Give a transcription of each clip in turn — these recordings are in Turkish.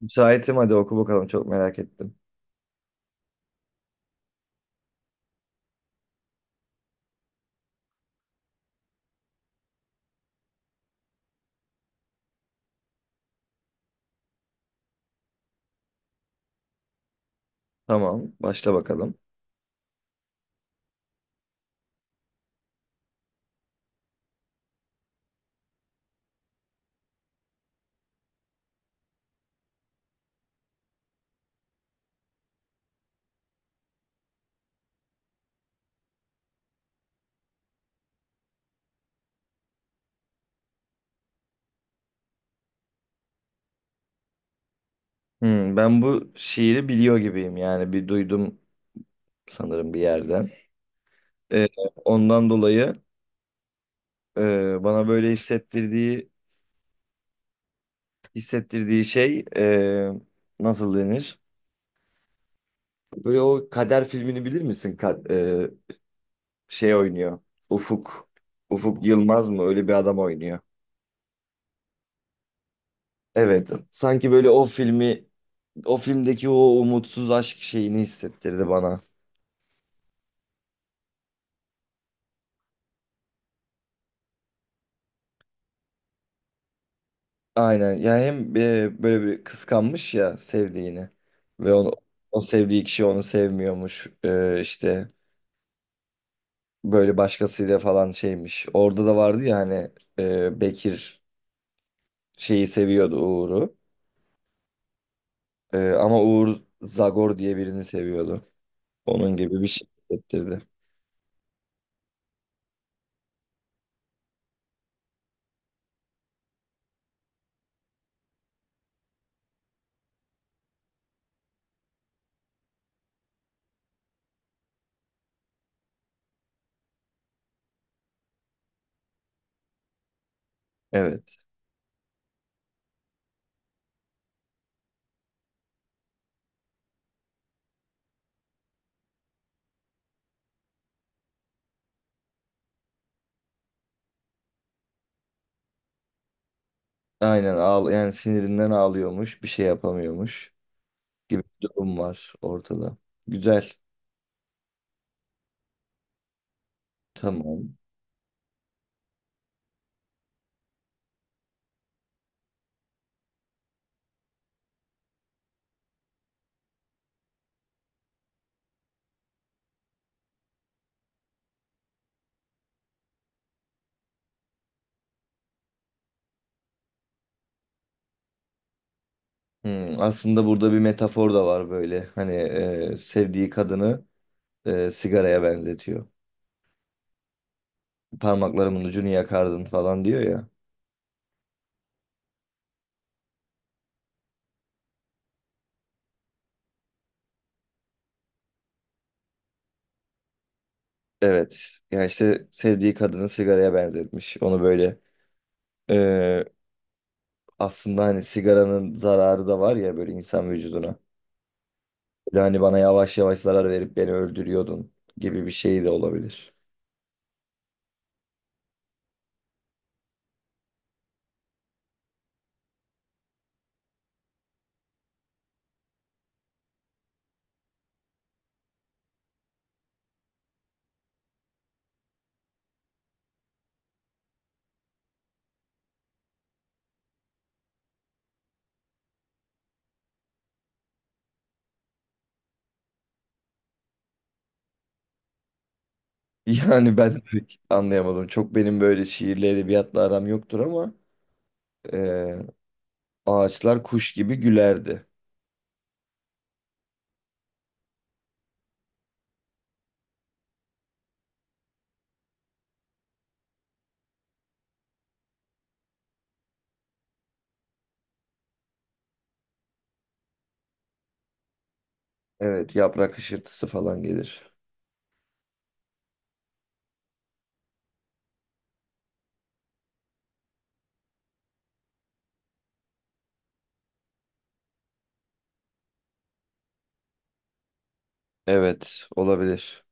Müsaitim, hadi oku bakalım, çok merak ettim. Tamam, başla bakalım. Hmm, ben bu şiiri biliyor gibiyim, yani bir duydum sanırım bir yerden. Ee, ondan dolayı bana böyle hissettirdiği şey, nasıl denir? Böyle o Kader filmini bilir misin? Şey oynuyor. Ufuk. Ufuk Yılmaz mı? Öyle bir adam oynuyor. Evet. Sanki böyle o filmi, o filmdeki o umutsuz aşk şeyini hissettirdi bana. Aynen. Ya hem böyle bir kıskanmış ya sevdiğini ve onu, o sevdiği kişi onu sevmiyormuş. E, işte böyle başkasıyla falan şeymiş. Orada da vardı ya hani, Bekir şeyi seviyordu, Uğur'u. E, ama Uğur Zagor diye birini seviyordu. Onun gibi bir şey hissettirdi. Evet. Aynen, ağl yani sinirinden ağlıyormuş, bir şey yapamıyormuş gibi bir durum var ortada. Güzel. Tamam. Hmm, aslında burada bir metafor da var böyle. Hani, sevdiği kadını, sigaraya benzetiyor. Parmaklarımın ucunu yakardın falan diyor ya. Evet. Ya işte sevdiği kadını sigaraya benzetmiş. Onu böyle, e, aslında hani sigaranın zararı da var ya böyle insan vücuduna. Böyle hani bana yavaş yavaş zarar verip beni öldürüyordun gibi bir şey de olabilir. Yani ben de pek anlayamadım. Çok benim böyle şiirle edebiyatla aram yoktur ama e, ağaçlar kuş gibi gülerdi. Evet, yaprak hışırtısı falan gelir. Evet, olabilir.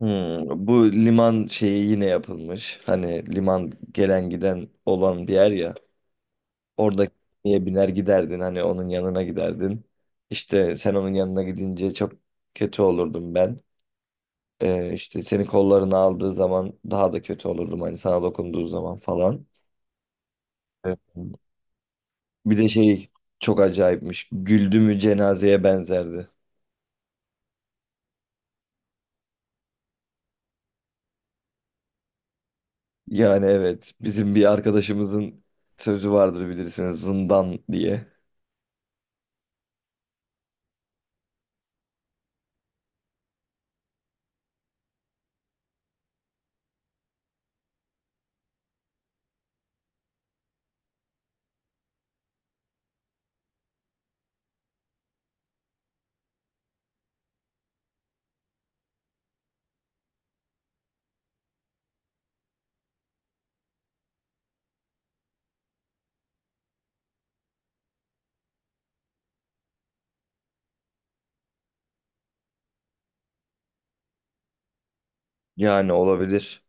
Hmm, bu liman şeyi yine yapılmış. Hani liman gelen giden olan bir yer ya. Orada niye biner giderdin, hani onun yanına giderdin. İşte sen onun yanına gidince çok kötü olurdum ben. İşte seni kollarına aldığı zaman daha da kötü olurdum, hani sana dokunduğu zaman falan. Evet. Bir de şey çok acayipmiş. Güldü mü cenazeye benzerdi. Yani evet, bizim bir arkadaşımızın sözü vardır bilirsiniz, zindan diye. Yani olabilir.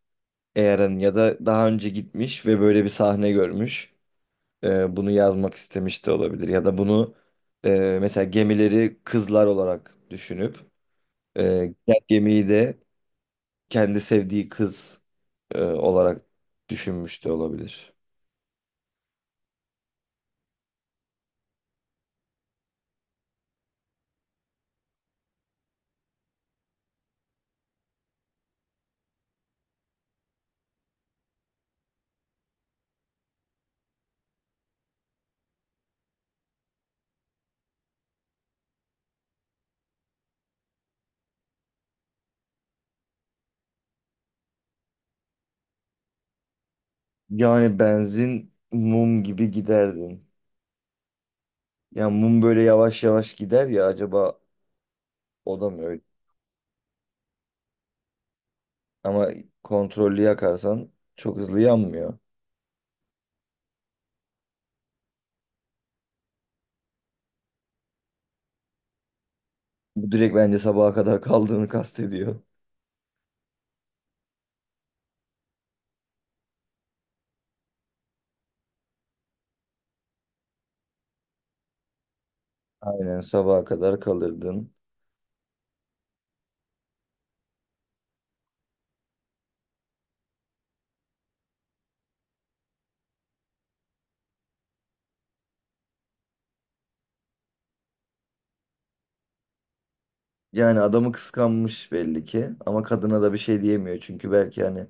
Eğer'in ya da daha önce gitmiş ve böyle bir sahne görmüş. Bunu yazmak istemiş de olabilir. Ya da bunu, e, mesela gemileri kızlar olarak düşünüp, giden gemiyi de kendi sevdiği kız, olarak düşünmüş de olabilir. Yani benzin mum gibi giderdin. Ya mum böyle yavaş yavaş gider ya, acaba o da mı öyle? Ama kontrollü yakarsan çok hızlı yanmıyor. Bu direkt bence sabaha kadar kaldığını kastediyor. Aynen, sabaha kadar kalırdın. Yani adamı kıskanmış belli ki ama kadına da bir şey diyemiyor çünkü belki hani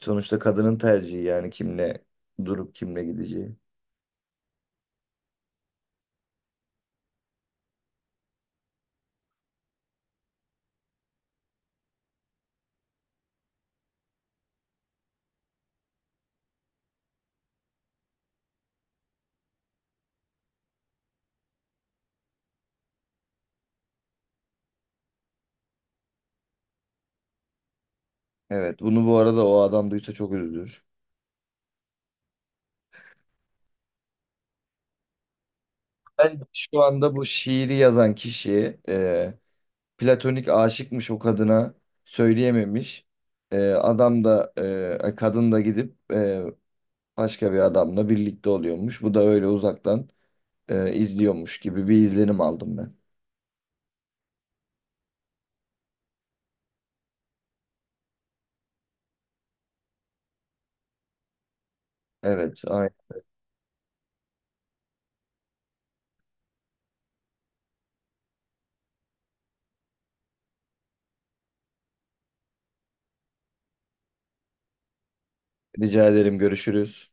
sonuçta kadının tercihi, yani kimle durup kimle gideceği. Evet, bunu bu arada o adam duysa çok üzülür. Ben şu anda bu şiiri yazan kişi, platonik aşıkmış o kadına, söyleyememiş. Adam da kadın da gidip başka bir adamla birlikte oluyormuş. Bu da öyle uzaktan izliyormuş gibi bir izlenim aldım ben. Evet, aynen. Rica ederim. Görüşürüz.